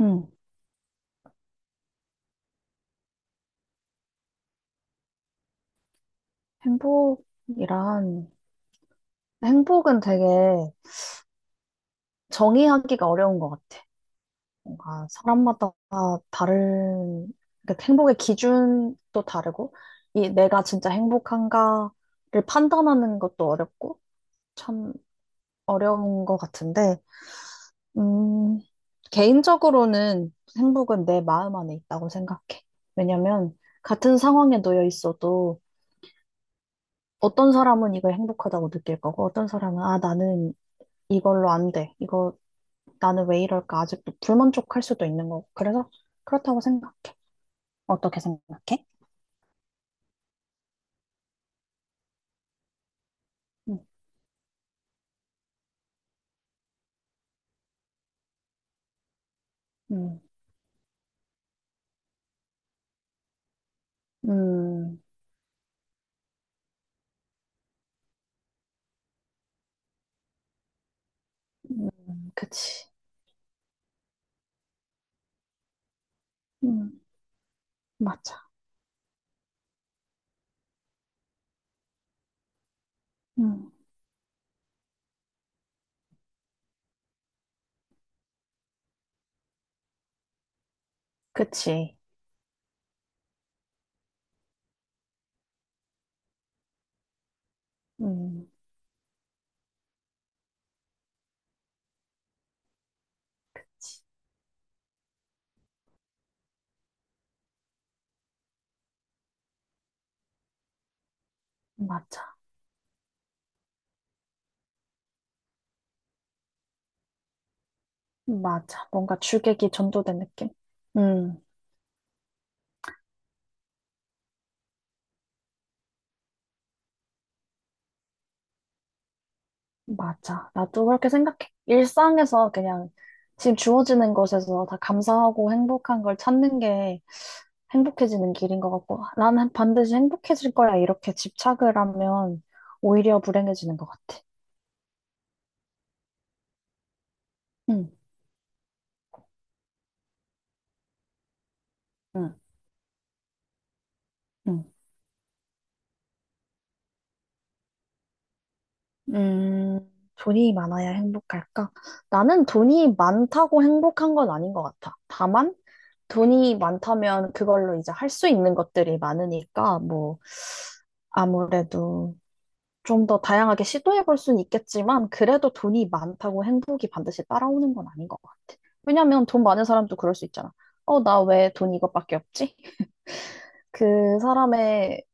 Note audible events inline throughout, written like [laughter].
음, 행복이란, 행복은 되게 정의하기가 어려운 것 같아. 뭔가 사람마다 다른, 그러니까 행복의 기준도 다르고, 이 내가 진짜 행복한가를 판단하는 것도 어렵고, 참 어려운 것 같은데, 음, 개인적으로는 행복은 내 마음 안에 있다고 생각해. 왜냐면, 같은 상황에 놓여 있어도 어떤 사람은 이걸 행복하다고 느낄 거고, 어떤 사람은, 아, 나는 이걸로 안 돼. 이거 나는 왜 이럴까? 아직도 불만족할 수도 있는 거고. 그래서 그렇다고 생각. 어떻게 생각해? 음. 음. 음. 음. 그치. 음. 맞아. 음. 그치. 음. 그치. 맞아. 맞아. 뭔가 주객이 전도된 느낌? 음. 맞아. 나도 그렇게 생각해. 일상에서 그냥 지금 주어지는 것에서 다 감사하고 행복한 걸 찾는 게 행복해지는 길인 것 같고, 나는 반드시 행복해질 거야. 이렇게 집착을 하면 오히려 불행해지는 것 같아. 응. 응. 응. 음, 돈이 많아야 행복할까? 나는 돈이 많다고 행복한 건 아닌 것 같아. 다만, 돈이 많다면 그걸로 이제 할 수 있는 것들이 많으니까, 뭐, 아무래도 좀 더 다양하게 시도해 볼 수는 있겠지만, 그래도 돈이 많다고 행복이 반드시 따라오는 건 아닌 것 같아. 왜냐면 돈 많은 사람도 그럴 수 있잖아. 어, 나 왜 돈 이것밖에 없지? 그 사람의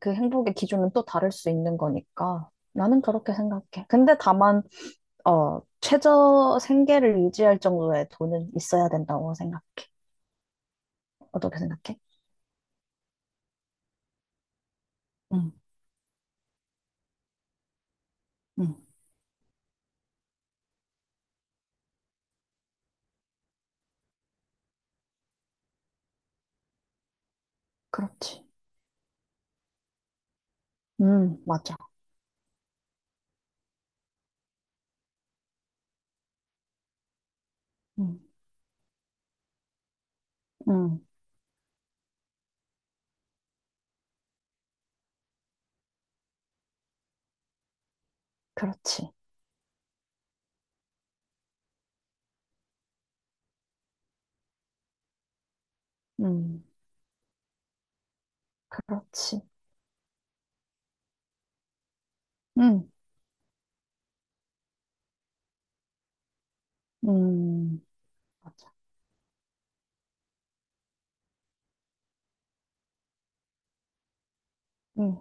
그 행복의 기준은 또 다를 수 있는 거니까. 나는 그렇게 생각해. 근데 다만, 어, 최저 생계를 유지할 정도의 돈은 있어야 된다고 생각해. 어떻게 생각해? 응. 응. 그렇지. 응, 맞아. 응. 응. 그렇지. 응, 그렇지. 응. 음. 맞아. 음.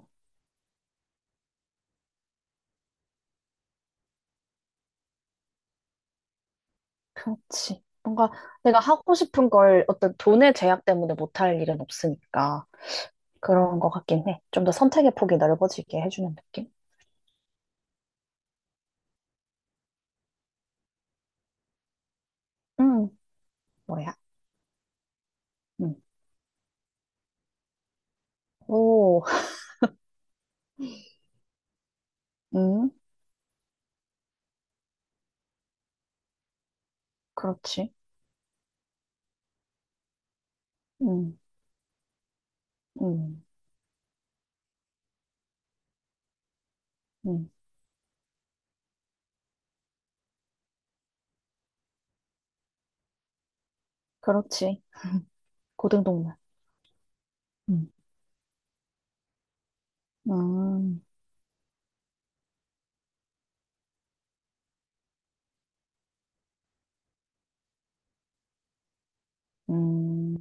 그렇지. 뭔가 내가 하고 싶은 걸 어떤 돈의 제약 때문에 못할 일은 없으니까 그런 것 같긴 해. 좀 더 선택의 폭이 넓어지게 해주는 느낌? 음, 뭐야? 음. 오. 음. 그렇지. 음. 음. 음. 그렇지. 고등동물. 음. 음. 음.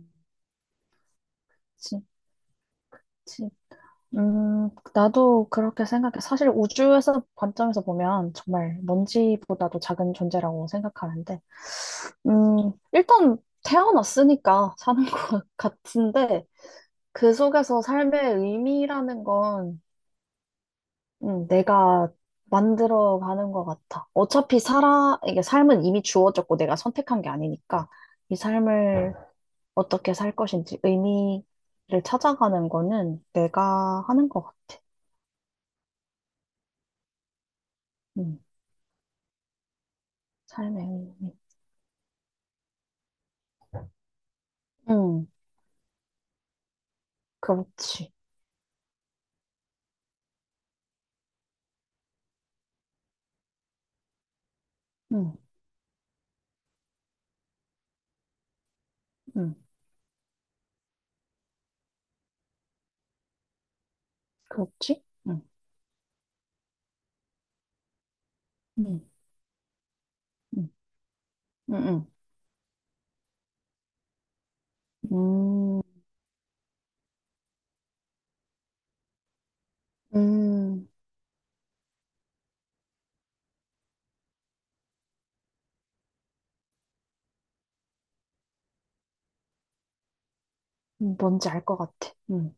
그치. 그치. 나도 그렇게 생각해. 사실 우주에서 관점에서 보면 정말 먼지보다도 작은 존재라고 생각하는데 일단 태어났으니까 사는 [laughs] 것 같은데, 그 속에서 삶의 의미라는 건, 내가 만들어 가는 것 같아. 어차피 살아, 이게 삶은 이미 주어졌고 내가 선택한 게 아니니까, 이 삶을 어떻게 살 것인지 의미를 찾아가는 거는 내가 하는 것 같아. 음. 삶의 의미. 음. 그렇지. 음. 음. 그렇지. 음. 음. 음. 음. 음. 음. 음. 뭔지 알 것 같아. 음.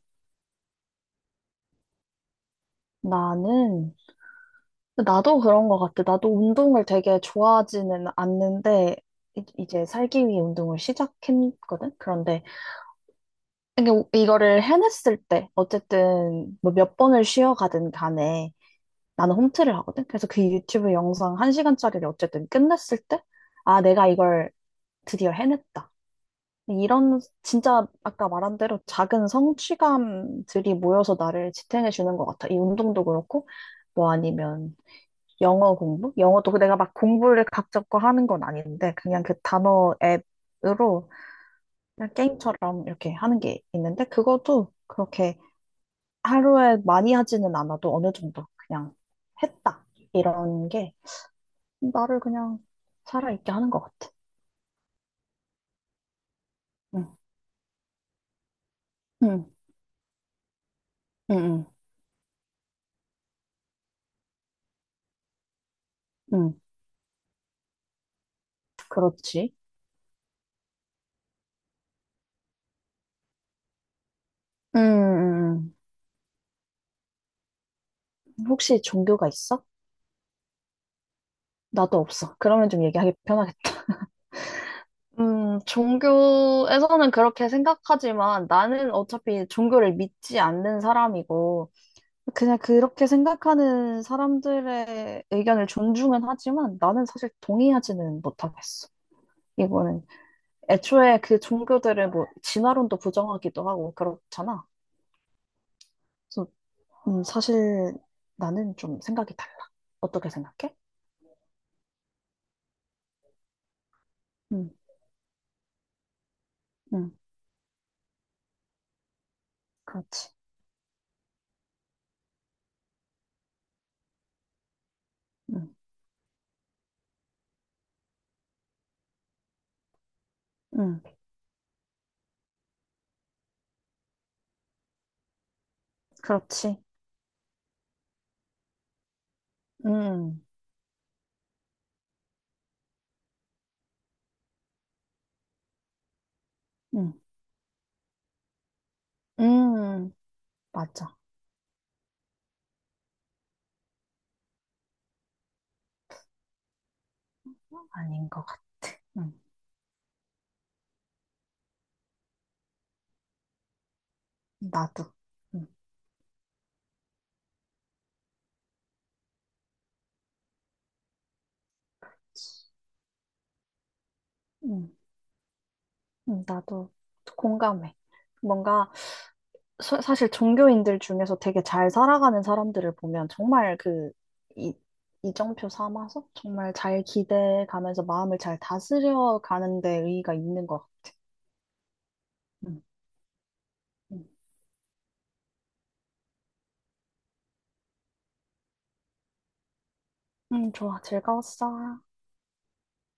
나는, 나도 그런 것 같아. 나도 운동을 되게 좋아하지는 않는데, 이제 살기 위해 운동을 시작했거든? 그런데, 이게 이거를 해냈을 때, 어쨌든, 뭐 몇 번을 쉬어가든 간에, 나는 홈트를 하거든? 그래서 그 유튜브 영상 한시간짜리를 어쨌든 끝냈을 때, 아, 내가 이걸 드디어 해냈다. 이런 진짜 아까 말한 대로 작은 성취감들이 모여서 나를 지탱해 주는 것 같아. 이 운동도 그렇고 뭐 아니면 영어 공부? 영어도 그 내가 막 공부를 각 잡고 하는 건 아닌데 그냥 그 단어 앱으로 그냥 게임처럼 이렇게 하는 게 있는데 그것도 그렇게 하루에 많이 하지는 않아도 어느 정도 그냥 했다. 이런 게 나를 그냥 살아있게 하는 것 같아. 응. 응. 응. 응. 응. 그렇지. 응. 음. 음. 혹시 종교가 있어? 나도 없어. 그러면 좀 얘기하기 편하겠다. [laughs] 종교에서는 그렇게 생각하지만 나는 어차피 종교를 믿지 않는 사람이고, 그냥 그렇게 생각하는 사람들의 의견을 존중은 하지만 나는 사실 동의하지는 못하겠어. 이거는 애초에 그 종교들을 뭐 진화론도 부정하기도 하고 그렇잖아. 그래서 사실 나는 좀 생각이 달라. 어떻게 생각해? 음. 음. 그렇지. 음. 음. 그렇지. 음. 음. 음. 맞아. 아닌 것 같아. 음. 나도. 음. 음. 음. 나도 공감해. 뭔가, 사실 종교인들 중에서 되게 잘 살아가는 사람들을 보면 정말 그, 이, 이정표 삼아서 정말 잘 기대가면서 마음을 잘 다스려 가는 데 의의가 있는 것 같아. 음. 음. 음. 좋아. 즐거웠어.